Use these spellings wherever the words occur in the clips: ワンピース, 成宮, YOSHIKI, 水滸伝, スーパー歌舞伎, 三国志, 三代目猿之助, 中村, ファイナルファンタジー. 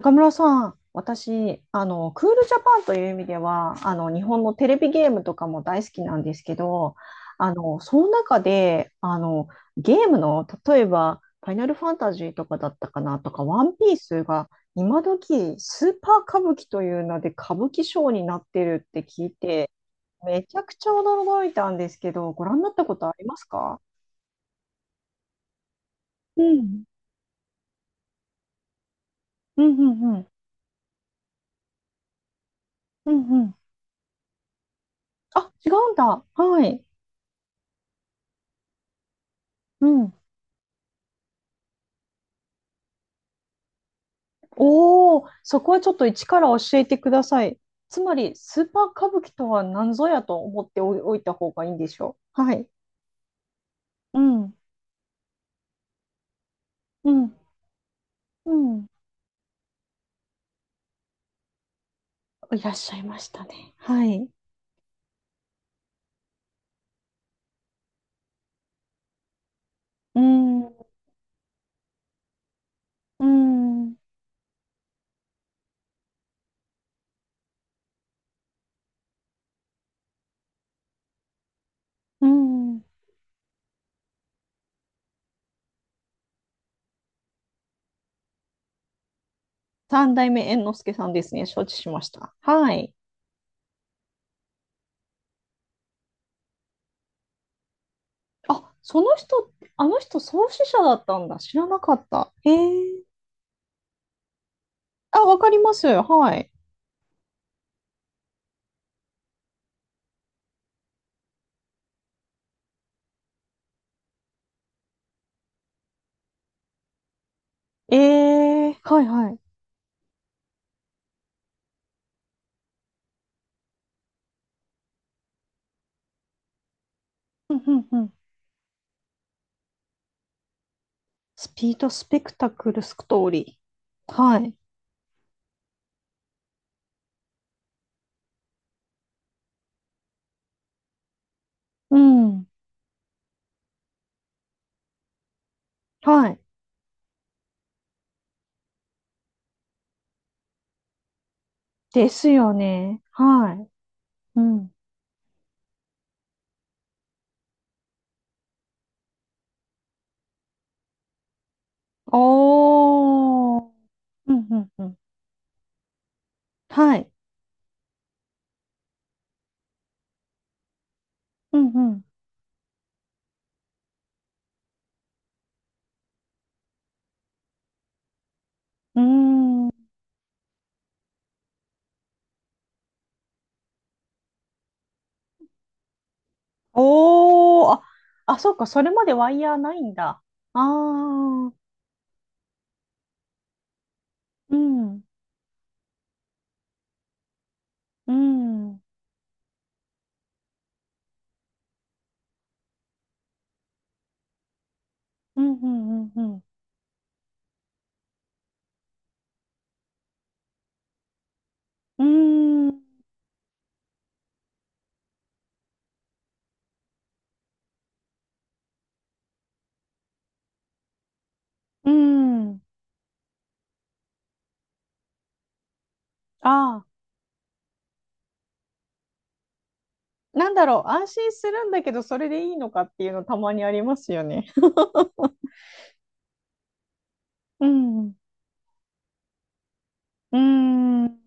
中村さん、私、クールジャパンという意味では、日本のテレビゲームとかも大好きなんですけど、その中で、ゲームの、例えば、ファイナルファンタジーとかだったかなとか、ワンピースが、今時、スーパー歌舞伎という名で歌舞伎賞になってるって聞いて、めちゃくちゃ驚いたんですけど、ご覧になったことありますか？うん。うんうんうん。うんうん。あ、違うんだ。はい。うん。おお、そこはちょっと一から教えてください。つまり、スーパー歌舞伎とは何ぞやと思っておいた方がいいんでしょう。はい。うん、うん、うん。いらっしゃいましたね。はい。うん、うん、うん。三代目猿之助さんですね。承知しました。はい。あ、その人、あの人創始者だったんだ。知らなかった。へえ。あ、わかります。はい。ええ、はいはい。うんうんうん。スピードスペクタクルストーリー。はい。うん。はい。ですよね。はい。うん。おー。うんうんうん。はい。うんうん。うーん。おー。あ、あ、そうか。それまでワイヤーないんだ。あー。うん。うん。うんうんうんうん。うーん。うん。あー。なんだろう。安心するんだけど、それでいいのかっていうのたまにありますよね。うん。うーん。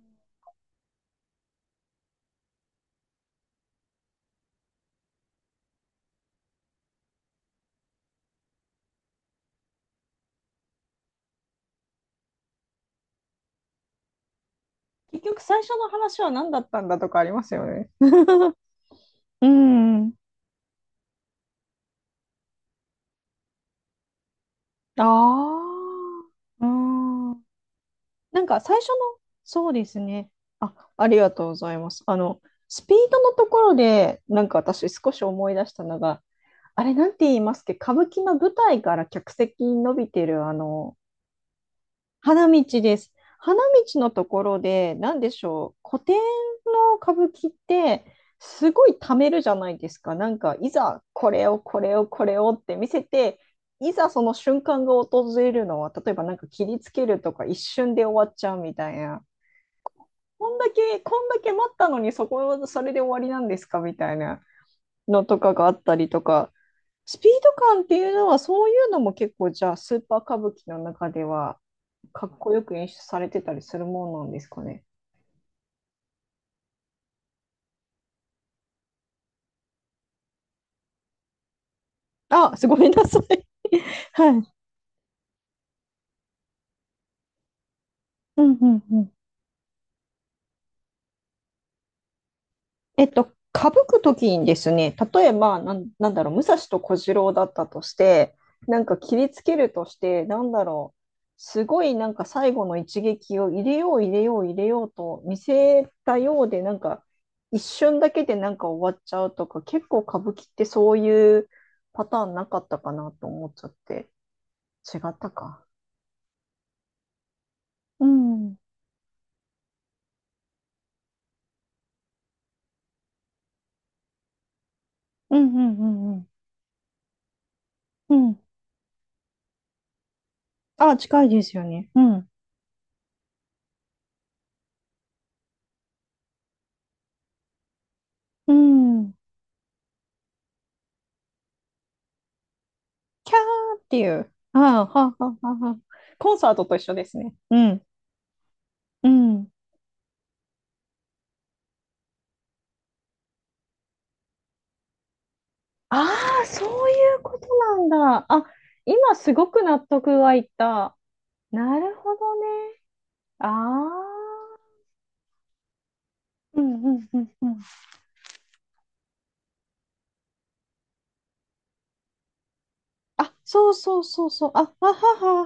結局最初の話は何だったんだとかありますよね。うん。ああ。うん。なんか最初の、そうですね。あ、ありがとうございます。スピードのところで、なんか私少し思い出したのが、あれなんて言いますっけ、歌舞伎の舞台から客席に伸びてる、花道です。花道のところで、なんでしょう、古典の歌舞伎って、すごい貯めるじゃないですか。なんか、いざ、これを、これを、これをって見せて、いざその瞬間が訪れるのは、例えばなんか切りつけるとか、一瞬で終わっちゃうみたいな。こんだけ、こんだけ待ったのに、それで終わりなんですかみたいなのとかがあったりとか、スピード感っていうのは、そういうのも結構、じゃあ、スーパー歌舞伎の中では、かっこよく演出されてたりするもんなんですかね？あ、すごめんなさい。はい。うんうんうん。歌舞くときにですね、例えば、なんだろう、武蔵と小次郎だったとして、なんか切りつけるとして、なんだろう、すごいなんか最後の一撃を入れよう入れよう入れようと見せたようで、なんか一瞬だけでなんか終わっちゃうとか、結構歌舞伎ってそういうパターンなかったかなと思っちゃって、違ったか。うん。うんうんうんうん。うん。あ、近いですよね。うん。うん。キャーっていう。ああ、はあ、はあ、はあ。はあ。コンサートと一緒ですね。うん。うん。ああ、そういうことなんだ。あ、今すごく納得がいった。なるほどね。ああ。うんうんうんうん。あ、そうそうそうそう。あ、はは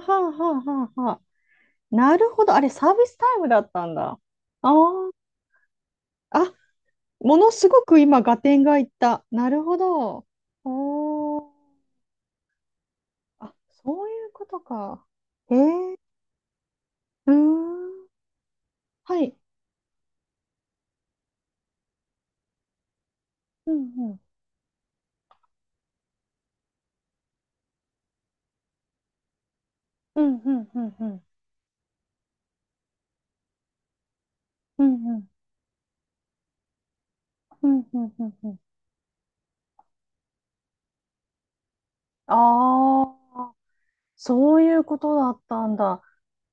ははははは。なるほど。あれ、サービスタイムだったんだ。ああ。あ。ものすごく今、合点がいった。なるほど。おー。あ、そういうことか。へえ。うーん。はい。うんうん。うんうんうんうん。うんうん。うんうんうんうん。ああ、そういうことだったんだ。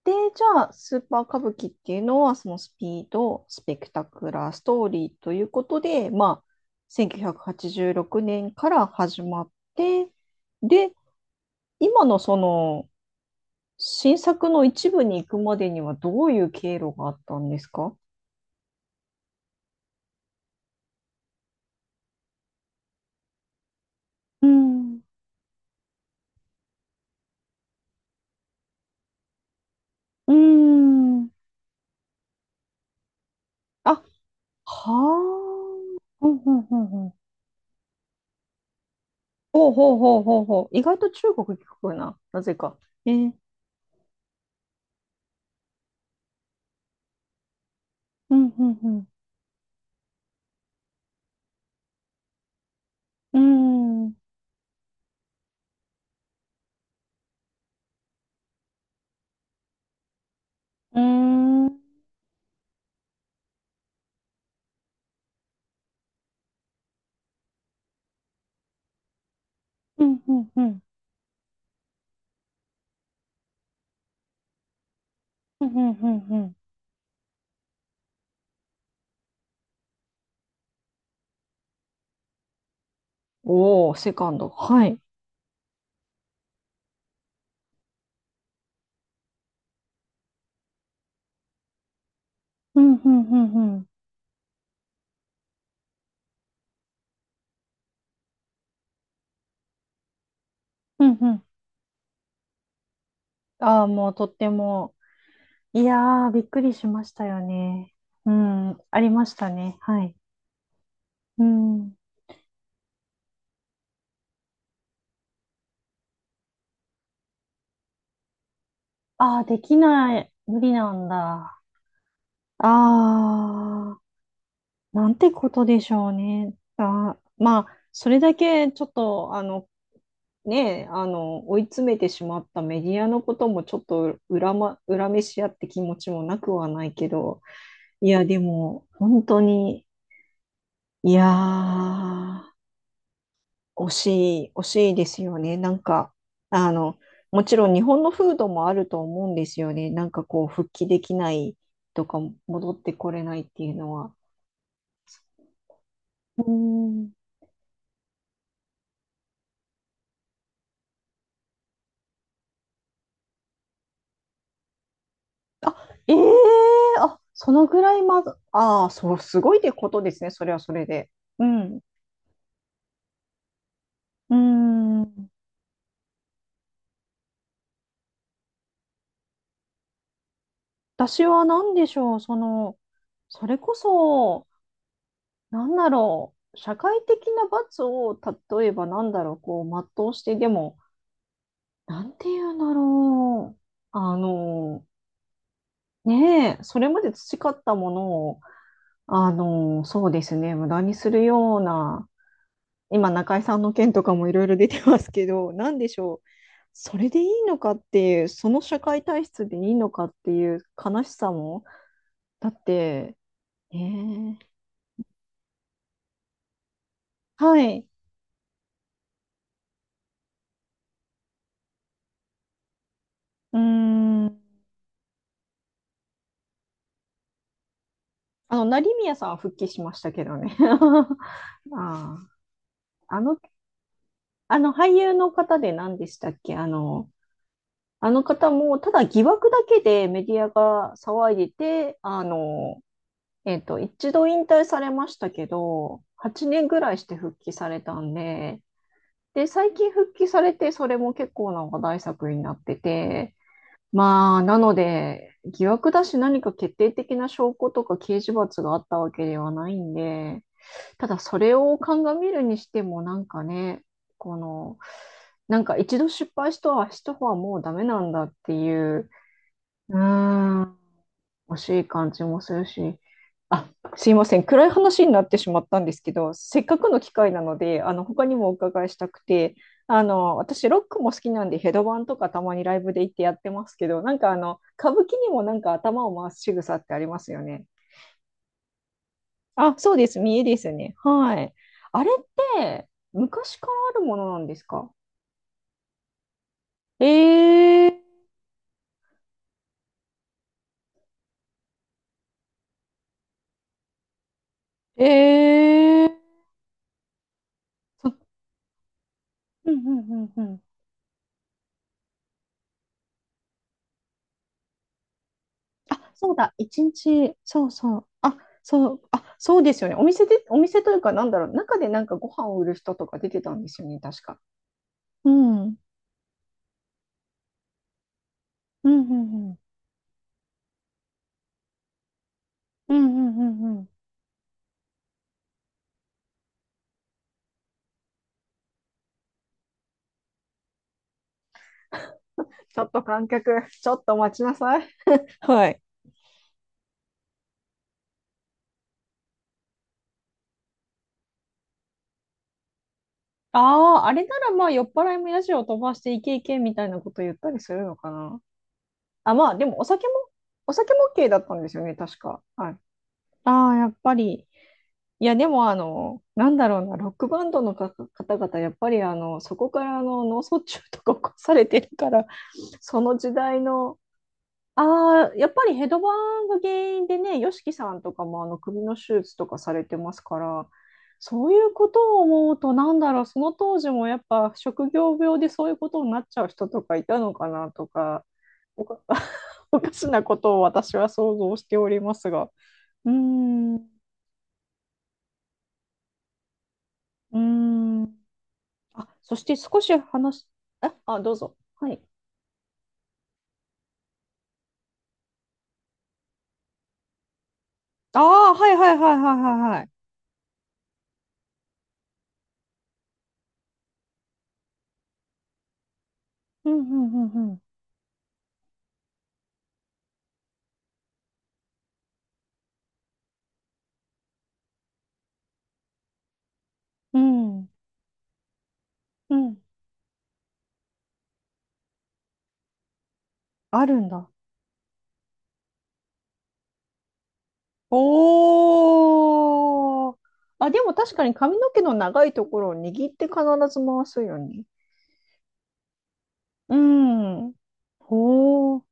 で、じゃあ、スーパー歌舞伎っていうのは、そのスピード、スペクタクラー、ストーリーということで、まあ、1986年から始まって、で、今のその新作の一部に行くまでにはどういう経路があったんですか？うん。うん。ん。あ、はあ。ほうんうんうん。ほうほうほうほうほう。意外と中国聞くな。なぜか。えー。うんうんうん。うーん。うーん。うんうんうん。うんうんうん。うん。おお、セカンド。はい。うんうんうんうん。うんうん。ああ、もうとっても。いやー、びっくりしましたよね。うん。ありましたね。はい。うん。ああ、できない。無理なんだ。ああ、なんてことでしょうね。あー、まあ、それだけちょっと、ねえ、追い詰めてしまったメディアのこともちょっと恨めし合って気持ちもなくはないけど、いや、でも、本当に、いやー、惜しい、惜しいですよね。なんか、あの、もちろん日本の風土もあると思うんですよね。なんかこう、復帰できないとか、戻ってこれないっていうのは。うーん。あ、ええ、あ、そのぐらいまず、ああ、そう、すごいってことですね。それはそれで。うん。うーん。私は何でしょう。その、それこそ、なんだろう。社会的な罰を、例えばなんだろう、こう、全うして、でも、なんていうんだろう。あの、ねえ、それまで培ったものを、そうですね、無駄にするような、今、中井さんの件とかもいろいろ出てますけど、なんでしょう。それでいいのかっていう、その社会体質でいいのかっていう悲しさも、だって、ねえ。はい。うーん。成宮さんは復帰しましたけどね。ああ、あの俳優の方で何でしたっけ？あの方も、ただ疑惑だけでメディアが騒いでて、一度引退されましたけど、8年ぐらいして復帰されたんで、で、最近復帰されて、それも結構な話題作になってて、まあ、なので、疑惑だし何か決定的な証拠とか刑事罰があったわけではないんで、ただそれを鑑みるにしてもなんかね、この、なんか一度失敗した人は、もうダメなんだっていう、うーん、惜しい感じもするし、あ、すいません、暗い話になってしまったんですけど、せっかくの機会なので、他にもお伺いしたくて、私、ロックも好きなんで、ヘドバンとかたまにライブで行ってやってますけど、なんか歌舞伎にもなんか頭を回す仕草ってありますよね。あ、そうです、見えですね。はい。あれって昔からあるものなんですか？えー、えー、そうんうんうんうん。あ、そうだ、一日、そうそう、あ、そう、あ、そうですよね。お店で、お店というか、なんだろう、中でなんかご飯を売る人とか出てたんですよね、確か。うん、うん、うん、うん、うん、うんうんうん。ちょっと観客、ちょっと待ちなさい。はい。ああ、あれならまあ酔っ払いもヤジを飛ばしていけいけみたいなこと言ったりするのかな。あ、まあでもお酒も、 OK だったんですよね、確か。はい。ああ、やっぱり。いや、でも、あの、なんだろうな、ロックバンドのか方々、やっぱり、あの、そこから脳卒中とか起こされてるから、その時代の、やっぱりヘドバンが原因でね、YOSHIKI さんとかも首の手術とかされてますから、そういうことを思うと、その当時もやっぱ職業病でそういうことになっちゃう人とかいたのかなとか、おか、おかしなことを私は想像しておりますが。うーん、うーん。あ、そして少し話す、あ、どうぞ。はい。ああ、はいはいはいはいはいはい。うんうんうんうん。うん。うん。あるんだ。おー。あ、でも確かに髪の毛の長いところを握って必ず回すよね。うん。おー。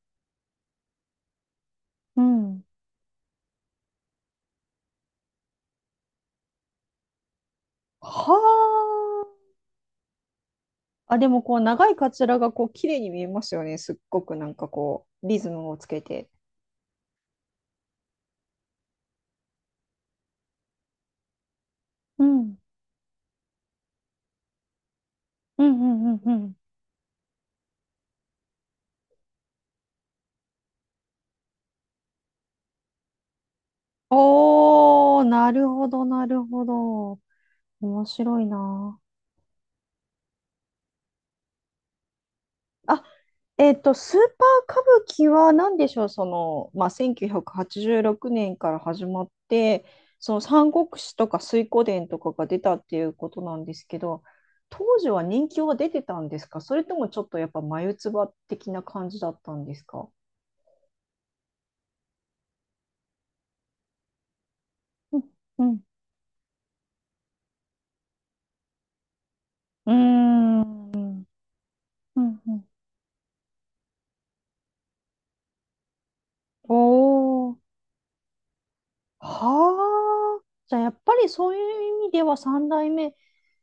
うん。はあ。あ、でもこう長いカツラがこう綺麗に見えますよね。すっごくなんかこうリズムをつけて。うん。うんうんうんうん。おー、なるほど、なるほど。面白いな。あ、スーパー歌舞伎は何でしょう、その、まあ、1986年から始まって、その三国志とか水滸伝とかが出たっていうことなんですけど、当時は人気は出てたんですか？それともちょっとやっぱ眉唾的な感じだったんですか？うんうんうーんうんうんおーはあ。じゃあ、やっぱりそういう意味では三代目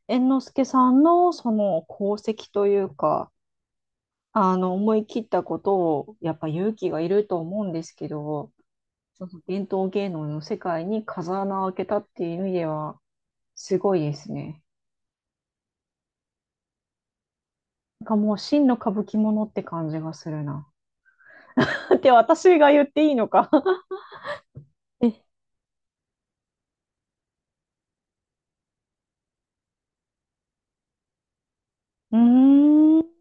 猿之助さんのその功績というか、思い切ったことをやっぱ勇気がいると思うんですけど、その伝統芸能の世界に風穴を開けたっていう意味ではすごいですね。なんかもう真の歌舞伎者って感じがするな。って私が言っていいのか。 え、うーん、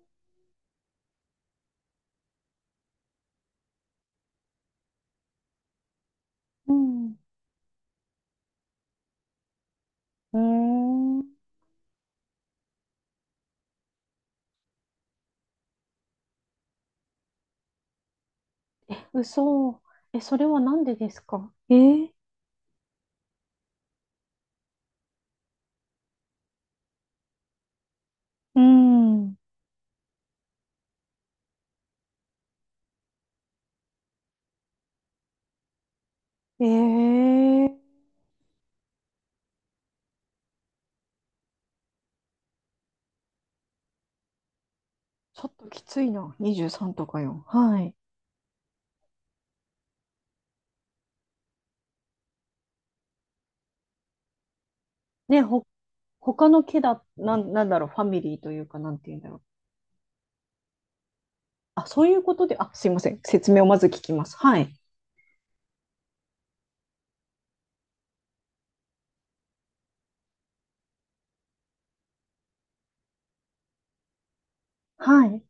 うん、うーん、嘘。え、それはなんでですか？えーうん。ええ、ちょっときついな。23とかよ。はい。ね、ほ、他の家だ、なん、なんだろう、ファミリーというか、なんていうんだろう。あ、そういうことで、あ、すいません。説明をまず聞きます。はい。はい。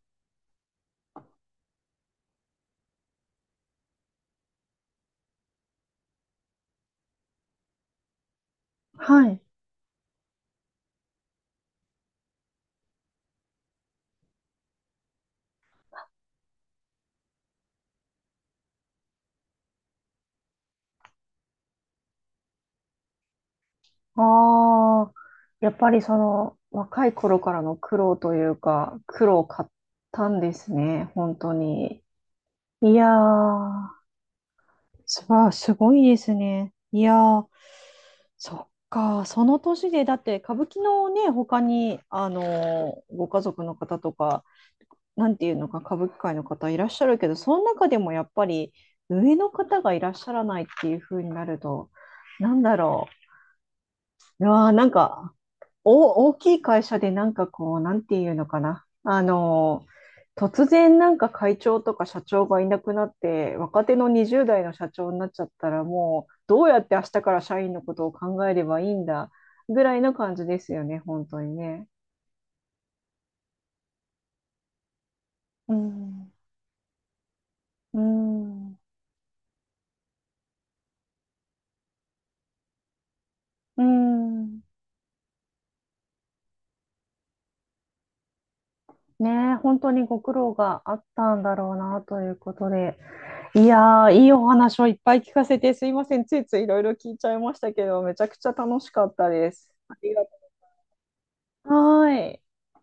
はい。ああ、やっぱりその、若い頃からの苦労というか、苦労を買ったんですね。本当に。いやー、すわあ、すごいですね。いやー、そっか、その年で、だって歌舞伎のね、他に、ご家族の方とか、なんていうのか、歌舞伎界の方いらっしゃるけど、その中でもやっぱり上の方がいらっしゃらないっていう風になると、なんだろう。いやーなんか、大きい会社でなんかこう、なんていうのかな。突然なんか会長とか社長がいなくなって、若手の20代の社長になっちゃったら、もうどうやって明日から社員のことを考えればいいんだぐらいな感じですよね、本当にね。うん、うん、うん。ねえ、本当にご苦労があったんだろうなということで。いやー、いいお話をいっぱい聞かせてすいません。ついついいろいろ聞いちゃいましたけど、めちゃくちゃ楽しかったです。ありがとう。はーい。